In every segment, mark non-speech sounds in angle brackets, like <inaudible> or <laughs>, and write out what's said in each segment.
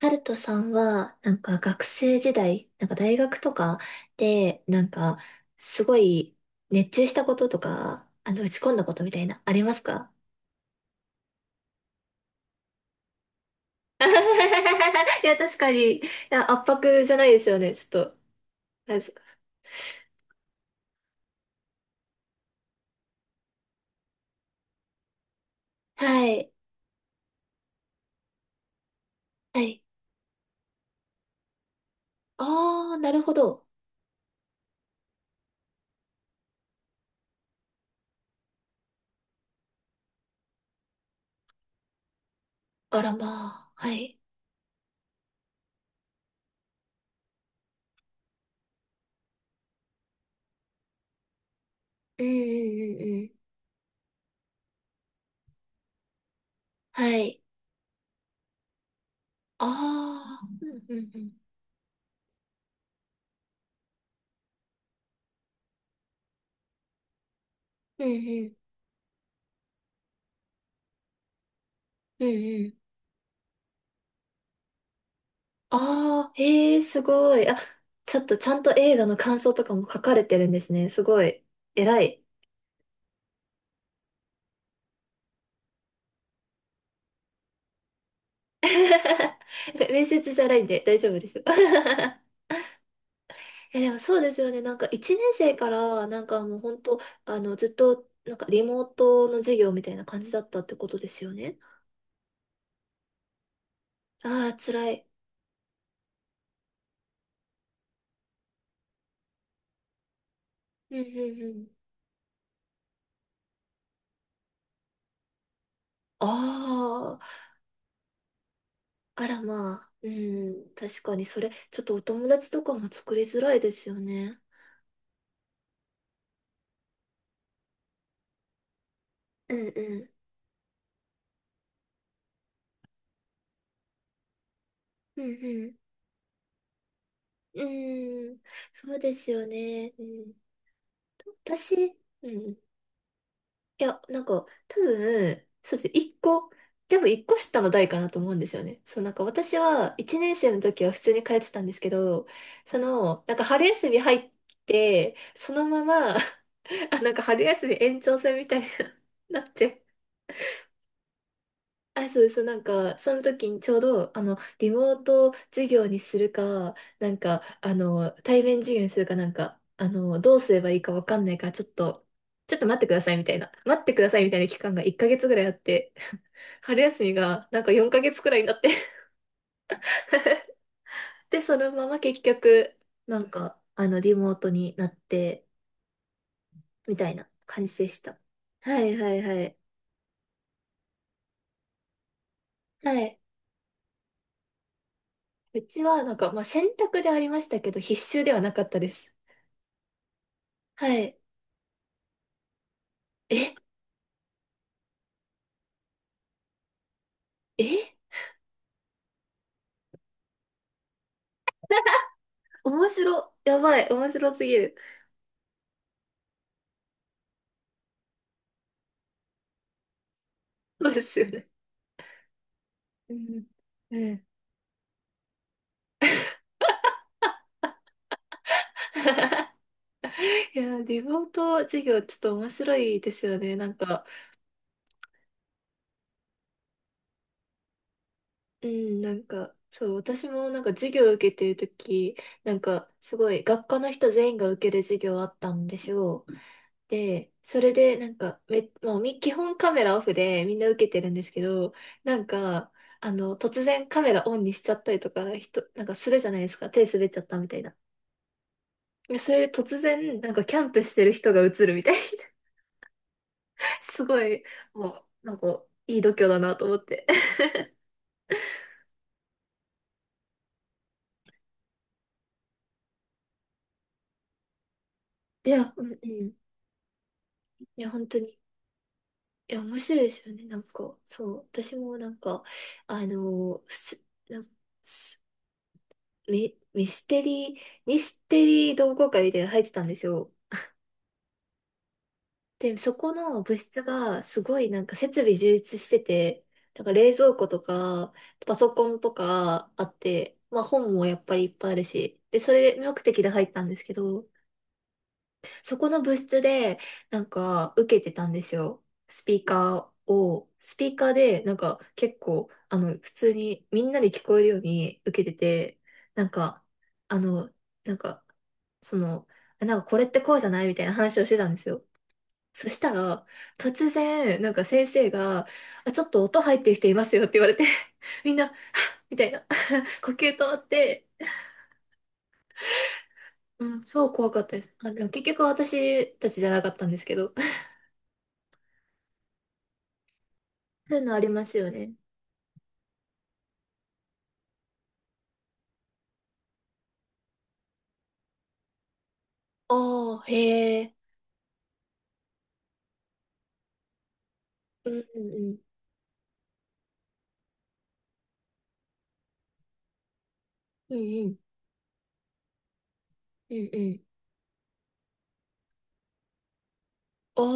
ハルトさんは、なんか学生時代、なんか大学とかで、なんか、すごい熱中したこととか、打ち込んだことみたいな、ありますか？ <laughs> いや、確かに。いや、圧迫じゃないですよね、ちょっと。なんですか。はい。はい。ああ、なるほど。あらまあ。はい。うんうんうんうん。はい。ああ。うんうんうん。うんうん。うんうん。ああ、へえ、すごい。あ、ちょっとちゃんと映画の感想とかも書かれてるんですね。すごい。偉い。<laughs> 面接じゃないんで大丈夫ですよ。<laughs> いや、でもそうですよね。なんか1年生から、なんかもう本当、ずっと、なんかリモートの授業みたいな感じだったってことですよね。ああ、辛い。うんうんうん。ああ、あらまあ。うん、確かにそれ、ちょっとお友達とかも作りづらいですよね。うんうん。うんうん。うん、そうですよね。うん、私、うん。いや、なんか、多分、そうですね、一個、でも一個下の代かなと思うんですよね。そう、なんか私は、一年生の時は普通に通ってたんですけど、なんか春休み入って、そのまま、<laughs> あ、なんか春休み延長戦みたいになって、あ、そうです。なんか、その時にちょうど、リモート授業にするか、なんか、対面授業にするかなんか、どうすればいいかわかんないから、ちょっと待ってくださいみたいな、待ってくださいみたいな期間が1ヶ月ぐらいあって、<laughs> 春休みがなんか4ヶ月くらいになって <laughs> で、そのまま結局、なんか、リモートになって、みたいな感じでした。はいはいはい。はい。うちは、なんか、まあ、選択でありましたけど、必修ではなかったです。はい。え、え、やばい、面白すぎる。そうですよね。うん。うん。<laughs> いや、リモート授業ちょっと面白いですよね。なんか、うん、なんか、そう、私もなんか授業受けてるとき、なんかすごい学科の人全員が受ける授業あったんですよ。で、それでなんかまあ、基本カメラオフでみんな受けてるんですけど、なんか、突然カメラオンにしちゃったりとか、なんかするじゃないですか。手滑っちゃったみたいな。それで突然、なんかキャンプしてる人が映るみたいな。<laughs> すごい、もう、なんか、いい度胸だなと思って。いや、うん、うん。いや、本当に。いや、面白いですよね。なんか、そう。私もなんか、あのーす、なんすミ、ミステリー、ミステリー同好会みたいなの入ってたんですよ。で、そこの部室がすごいなんか設備充実してて、なんか冷蔵庫とか、パソコンとかあって、まあ本もやっぱりいっぱいあるし、で、それ目的で入ったんですけど、そこの部室でなんか受けてたんですよ。スピーカーでなんか結構、普通にみんなで聞こえるように受けてて、なんか、あの、なんか、その、なんかこれってこうじゃないみたいな話をしてたんですよ。そしたら、突然、なんか先生が、あ、ちょっと音入ってる人いますよって言われて、<laughs> みんな、みたいな、<laughs> 呼吸止まって、うん、超怖かったです。あ、でも結局私たちじゃなかったんですけど。<laughs> そういうのありますよね。ああ、へえ。うんうんうん。うんうん。うんうん。あ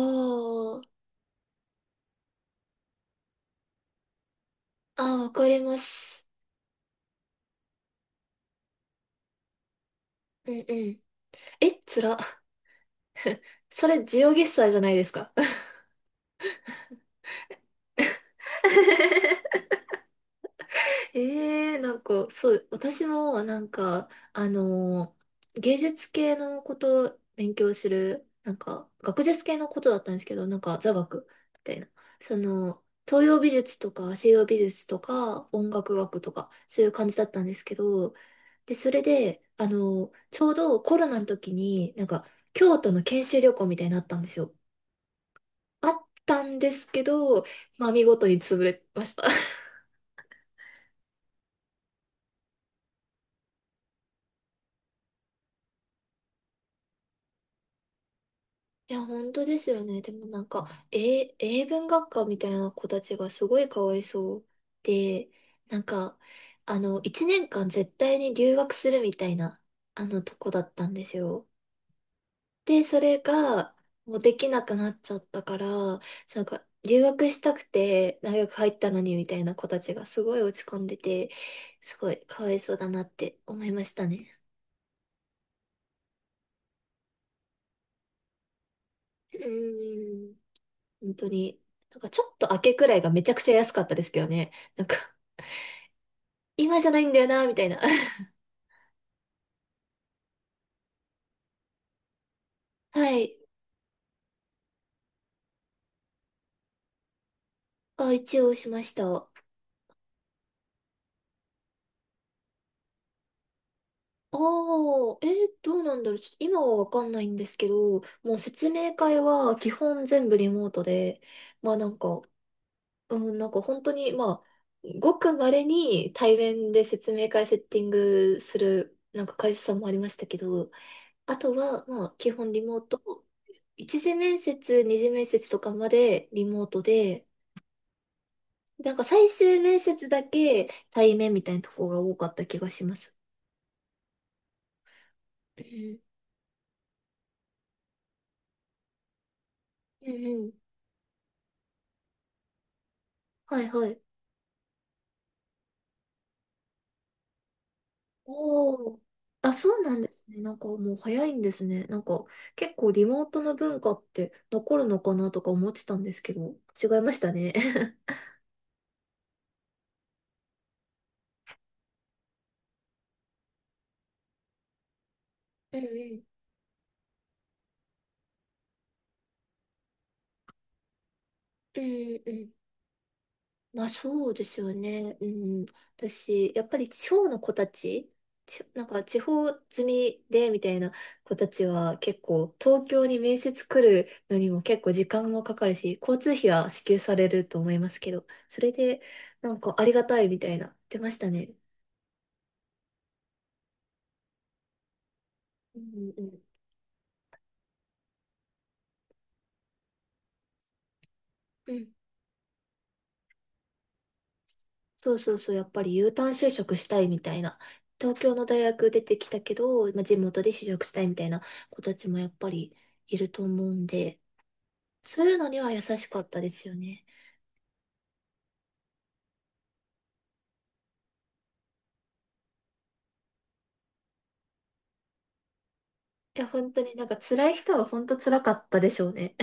あ、ああ、わかります。うんうん。え、つら。それ、ジオゲッサーじゃないですか。<laughs> ええなんか、そう、私も、なんか、あのー芸術系のことを勉強する、なんか、学術系のことだったんですけど、なんか、座学みたいな。東洋美術とか西洋美術とか音楽学とか、そういう感じだったんですけど、で、それで、ちょうどコロナの時に、なんか、京都の研修旅行みたいになったんですよ。あったんですけど、まあ、見事に潰れました。いや、本当ですよね。でもなんか、英文学科みたいな子たちがすごいかわいそうで、なんか、一年間絶対に留学するみたいな、とこだったんですよ。で、それが、もうできなくなっちゃったから、なんか、留学したくて大学入ったのにみたいな子たちがすごい落ち込んでて、すごいかわいそうだなって思いましたね。うーん。本当に、なんかちょっと明けくらいがめちゃくちゃ安かったですけどね。なんか、<laughs> 今じゃないんだよな、みたいな。<laughs> はい。あ、一応しました。ああ、どうなんだろう。ちょっと今はわかんないんですけど、もう説明会は基本全部リモートで、まあなんか、うん、なんか本当に、まあ、ごく稀に対面で説明会セッティングする、なんか会社さんもありましたけど、あとは、まあ、基本リモート。一次面接、二次面接とかまでリモートで、なんか最終面接だけ対面みたいなとこが多かった気がします。うん。うんうん。はいはい。おー。あ、そうなんですね。なんかもう早いんですね。なんか結構リモートの文化って残るのかなとか思ってたんですけど、違いましたね。<laughs> うんうん。うんうん。まあそうですよね。うん。私、やっぱり地方の子たち、なんか地方住みでみたいな子たちは結構東京に面接来るのにも結構時間もかかるし、交通費は支給されると思いますけど、それでなんかありがたいみたいな言ってましたね。うんうん。うん。そうそうそう、やっぱり Uターン就職したいみたいな。東京の大学出てきたけど、まあ、地元で就職したいみたいな子たちもやっぱりいると思うんで、そういうのには優しかったですよね。いや、本当になんか辛い人は本当辛かったでしょうね。